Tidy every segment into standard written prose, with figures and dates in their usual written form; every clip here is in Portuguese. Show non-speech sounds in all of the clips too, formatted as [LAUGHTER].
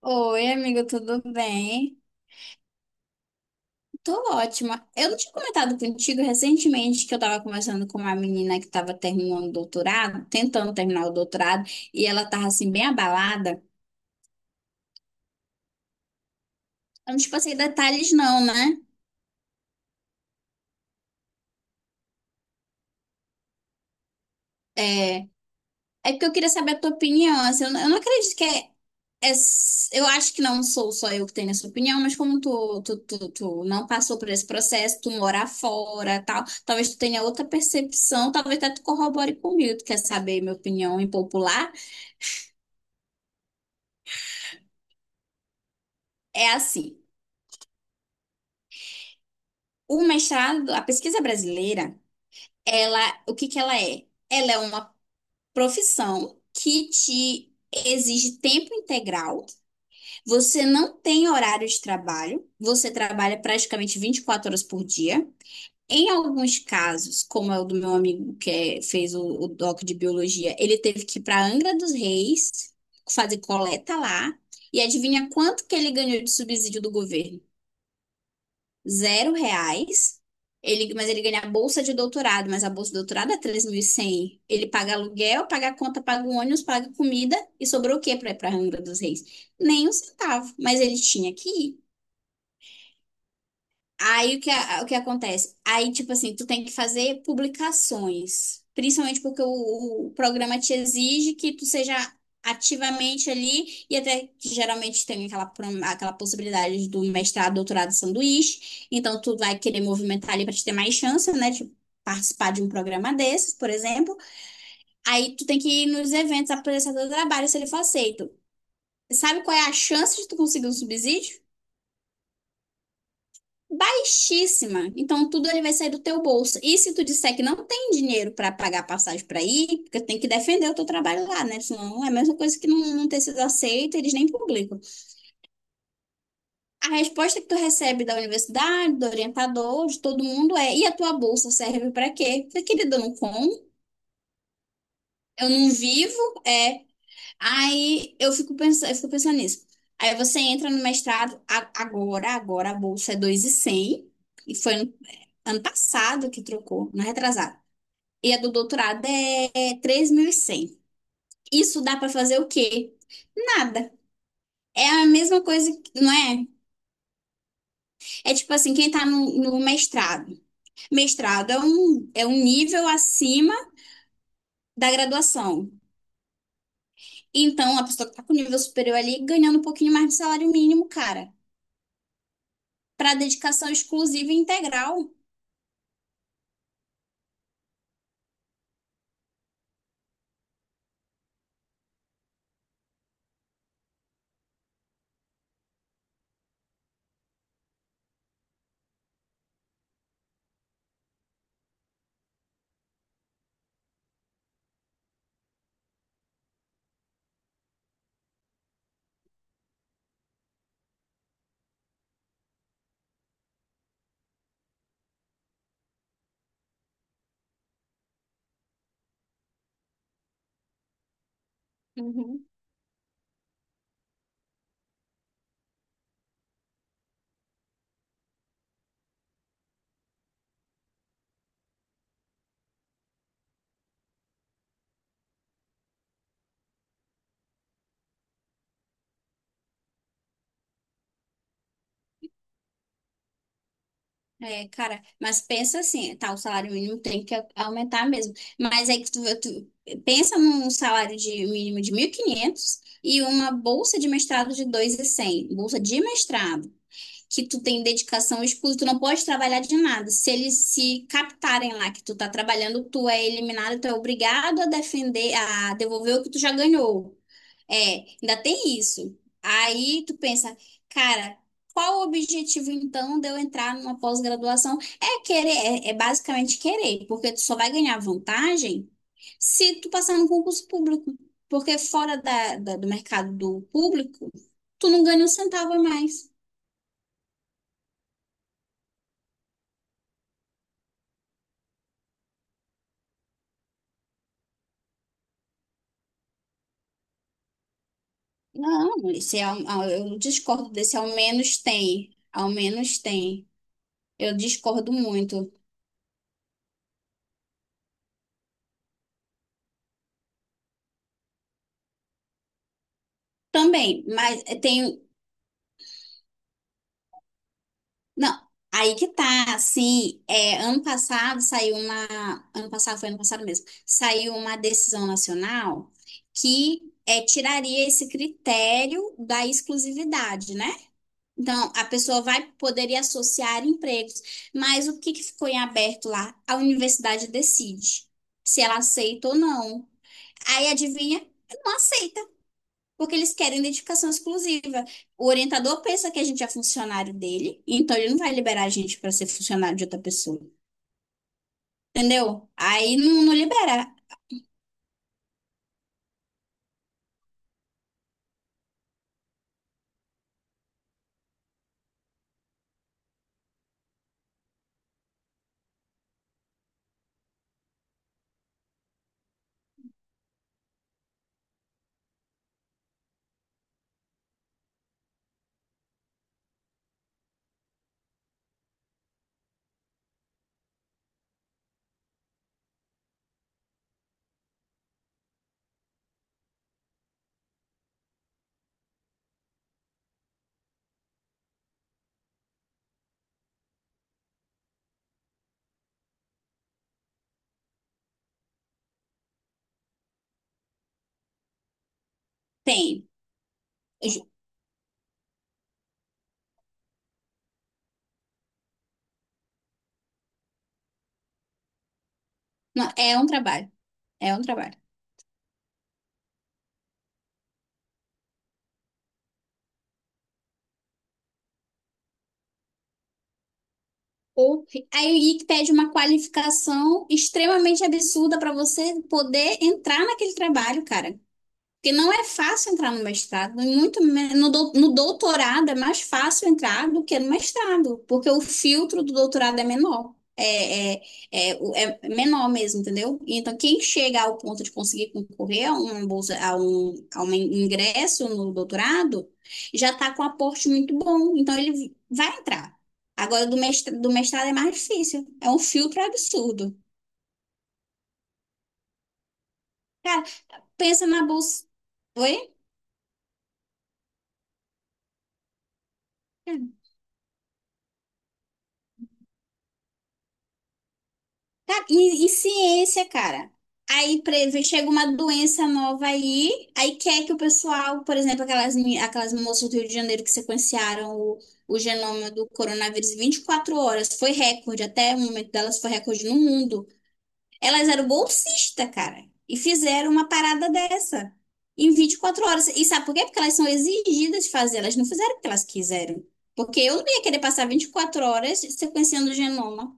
Oi, amigo, tudo bem? Tô ótima. Eu não tinha comentado contigo recentemente que eu tava conversando com uma menina que tava terminando o doutorado, tentando terminar o doutorado, e ela tava assim, bem abalada. Eu não te passei detalhes, não, né? É, É porque eu queria saber a tua opinião. Assim, eu não acredito que eu acho que não sou só eu que tenho essa opinião, mas como tu não passou por esse processo, tu mora fora, tal, talvez tu tenha outra percepção, talvez até tu corrobore comigo. Tu quer saber minha opinião impopular? É assim, o mestrado, a pesquisa brasileira, ela, o que que ela é? Ela é uma profissão que te exige tempo integral. Você não tem horário de trabalho, você trabalha praticamente 24 horas por dia. Em alguns casos, como é o do meu amigo fez o, doc de biologia, ele teve que ir para Angra dos Reis fazer coleta lá. E adivinha quanto que ele ganhou de subsídio do governo? Zero reais. Mas ele ganha a bolsa de doutorado, mas a bolsa de doutorado é 3.100. Ele paga aluguel, paga a conta, paga o ônibus, paga comida e sobrou o quê para ir para Angra dos Reis? Nem um centavo. Mas ele tinha que ir. Aí o que acontece? Aí, tipo assim, tu tem que fazer publicações, principalmente porque o programa te exige que tu seja ativamente ali, e até que geralmente tem aquela possibilidade do mestrado, doutorado, sanduíche, então tu vai querer movimentar ali para te ter mais chance, né? De participar de um programa desses, por exemplo. Aí tu tem que ir nos eventos apresentar teu trabalho, se ele for aceito. Sabe qual é a chance de tu conseguir um subsídio? Baixíssima. Então tudo ele vai sair do teu bolso. E se tu disser que não tem dinheiro para pagar passagem para ir, porque tem que defender o teu trabalho lá, né? Senão é a mesma coisa que não ter sido aceito, eles nem publicam. A resposta que tu recebe da universidade, do orientador, de todo mundo é: e a tua bolsa serve para quê? Falei, querida, eu não como, eu não vivo, é. Aí eu fico pensando nisso. Aí você entra no mestrado agora a bolsa é 2.100 e foi ano passado que trocou, não é retrasado. E a do doutorado é 3.100. Isso dá pra fazer o quê? Nada. É a mesma coisa, não é? É tipo assim, quem tá no mestrado. Mestrado é um nível acima da graduação. Então, a pessoa que tá com nível superior ali, ganhando um pouquinho mais de salário mínimo, cara, pra dedicação exclusiva e integral. Uhum. É, cara, mas pensa assim, tá, o salário mínimo tem que aumentar mesmo. Mas aí que tu pensa num salário de mínimo de 1.500 e quinhentos e uma bolsa de mestrado de 2.100 bolsa de mestrado, que tu tem dedicação exclusiva, tu não pode trabalhar de nada. Se eles se captarem lá que tu tá trabalhando, tu é eliminado, tu é obrigado a devolver o que tu já ganhou. É, ainda tem isso. Aí tu pensa, cara, qual o objetivo então de eu entrar numa pós-graduação? É querer, é basicamente querer, porque tu só vai ganhar vantagem se tu passar no concurso público. Porque fora do mercado do público, tu não ganha um centavo a mais. Não, esse é, um- ah, eu discordo desse, ao menos tem. Ao menos tem. Eu discordo muito. Também, mas tem. Não, aí que tá, assim. Ano passado saiu uma, ano passado foi ano passado mesmo, saiu uma decisão nacional que tiraria esse critério da exclusividade, né? Então, a pessoa vai poderia associar empregos, mas o que que ficou em aberto lá? A universidade decide se ela aceita ou não. Aí adivinha? Não aceita porque eles querem identificação exclusiva. O orientador pensa que a gente é funcionário dele, então ele não vai liberar a gente para ser funcionário de outra pessoa. Entendeu? Aí não libera. Tem. Ju- não, é um trabalho. É um trabalho. Ou, aí que pede uma qualificação extremamente absurda para você poder entrar naquele trabalho, cara. Porque não é fácil entrar no mestrado, e muito me- no, dou- no doutorado é mais fácil entrar do que no mestrado, porque o filtro do doutorado é menor, é menor mesmo, entendeu? Então, quem chega ao ponto de conseguir concorrer a uma bolsa, a um ingresso no doutorado, já está com um aporte muito bom, então ele vai entrar. Agora, do mestrado é mais difícil, é um filtro absurdo. Cara, pensa na bolsa. Oi? Cara, E ciência, cara. Aí chega uma doença nova aí, quer que o pessoal, por exemplo, aquelas moças do Rio de Janeiro que sequenciaram o genoma do coronavírus em vinte e quatro horas, foi recorde, até o momento delas foi recorde no mundo. Elas eram bolsistas, cara, e fizeram uma parada dessa em vinte e quatro horas. E sabe por quê? Porque elas são exigidas de fazer, elas não fizeram o que elas quiseram. Porque eu não ia querer passar 24 horas sequenciando o genoma.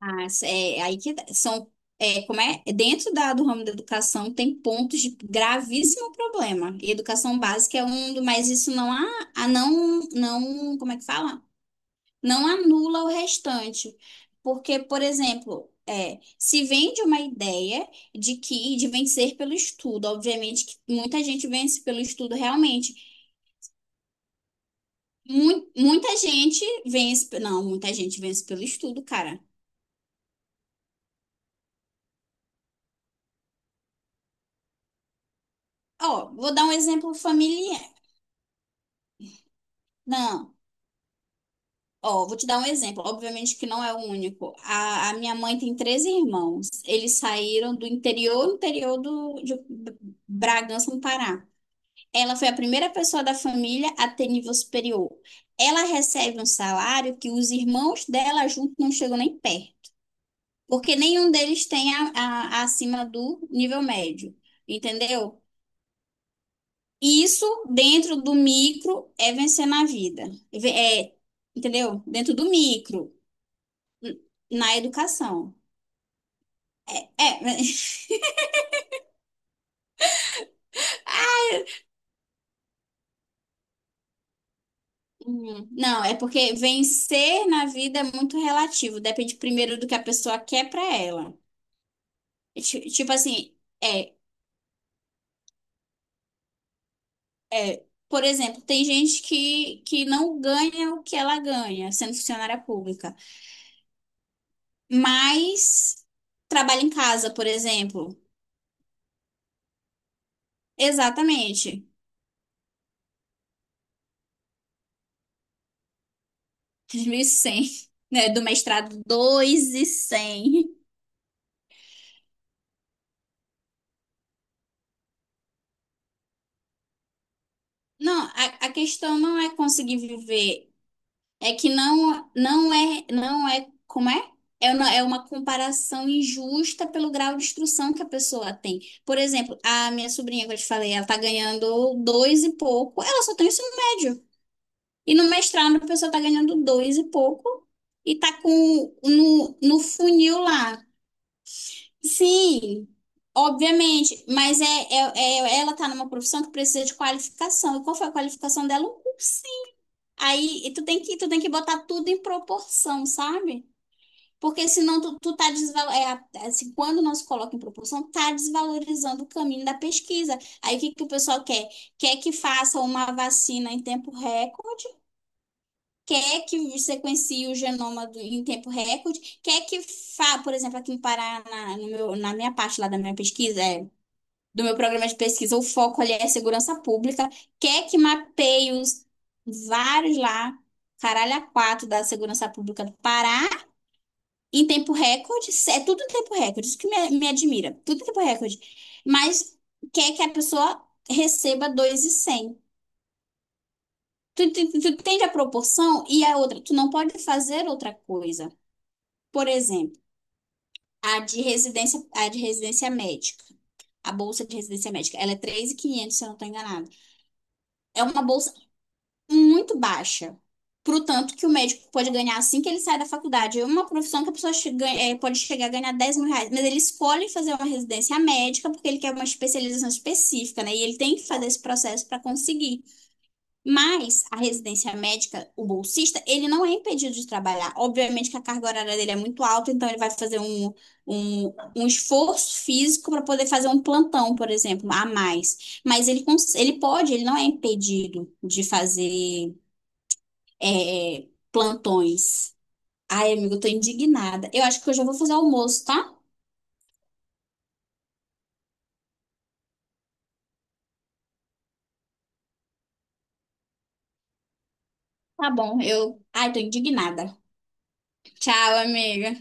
É, aí que tá- são, é, como é, dentro do ramo da educação tem pontos de gravíssimo problema. E educação básica é um, do- mas isso não a, a não, não, como é que fala? Não anula o restante. Porque, por exemplo, se vende uma ideia de que de vencer pelo estudo, obviamente que muita gente vence pelo estudo realmente. Muita gente vence, não, muita gente vence pelo estudo, cara. Ó, vou dar um exemplo familiar. Não. Ó, vou te dar um exemplo. Obviamente que não é o único. A minha mãe tem três irmãos. Eles saíram do interior, interior de Bragança, no Pará. Ela foi a primeira pessoa da família a ter nível superior. Ela recebe um salário que os irmãos dela juntos não chegam nem perto, porque nenhum deles tem acima do nível médio, entendeu? Isso dentro do micro é vencer na vida. É, entendeu? Dentro do micro. Na educação. É, [LAUGHS] hum, não, é porque vencer na vida é muito relativo, depende primeiro do que a pessoa quer pra ela. Tipo assim, por exemplo, tem gente que não ganha o que ela ganha sendo funcionária pública, mas trabalha em casa, por exemplo. Exatamente, [LAUGHS] três mil e cem, né, do mestrado dois mil e cem. Não, a questão não é conseguir viver. É que não, não é, não é, como é? É uma comparação injusta pelo grau de instrução que a pessoa tem. Por exemplo, a minha sobrinha que eu te falei, ela tá ganhando dois e pouco, ela só tem o ensino médio. E no mestrado a pessoa tá ganhando dois e pouco e tá com no, funil lá. Sim, obviamente, mas ela tá numa profissão que precisa de qualificação. E qual foi a qualificação dela? Um curso. Aí e tu tem que botar tudo em proporção, sabe? Porque senão tu, tu tá desval... é, a- assim, quando não se coloca em proporção, tá desvalorizando o caminho da pesquisa. Aí o que que o pessoal quer? Quer que faça uma vacina em tempo recorde, quer que sequencie o genoma em tempo recorde, quer que por exemplo, aqui no Pará, na, no meu- na minha parte lá da minha pesquisa, do meu programa de pesquisa, o foco ali é segurança pública, quer que mapeie os vários lá, caralho, a quatro da segurança pública do Pará, em tempo recorde, é tudo em tempo recorde, isso que me admira, tudo em tempo recorde, mas quer que a pessoa receba 2.100. Tu entende a proporção e a outra, tu não pode fazer outra coisa. Por exemplo, a de residência médica, a bolsa de residência médica, ela é 3.500 se eu não estou enganada. É uma bolsa muito baixa. Pro tanto que o médico pode ganhar assim que ele sai da faculdade. É uma profissão que a pessoa pode chegar a ganhar 10 mil reais, mas ele escolhe fazer uma residência médica porque ele quer uma especialização específica, né? E ele tem que fazer esse processo para conseguir. Mas a residência médica, o bolsista, ele não é impedido de trabalhar. Obviamente que a carga horária dele é muito alta, então ele vai fazer um esforço físico para poder fazer um plantão, por exemplo, a mais. Mas ele, cons- ele pode, ele não é impedido de fazer plantões. Ai, amigo, eu tô indignada. Eu acho que eu já vou fazer almoço, tá? Tá bom, eu. Ai, tô indignada. Tchau, amiga.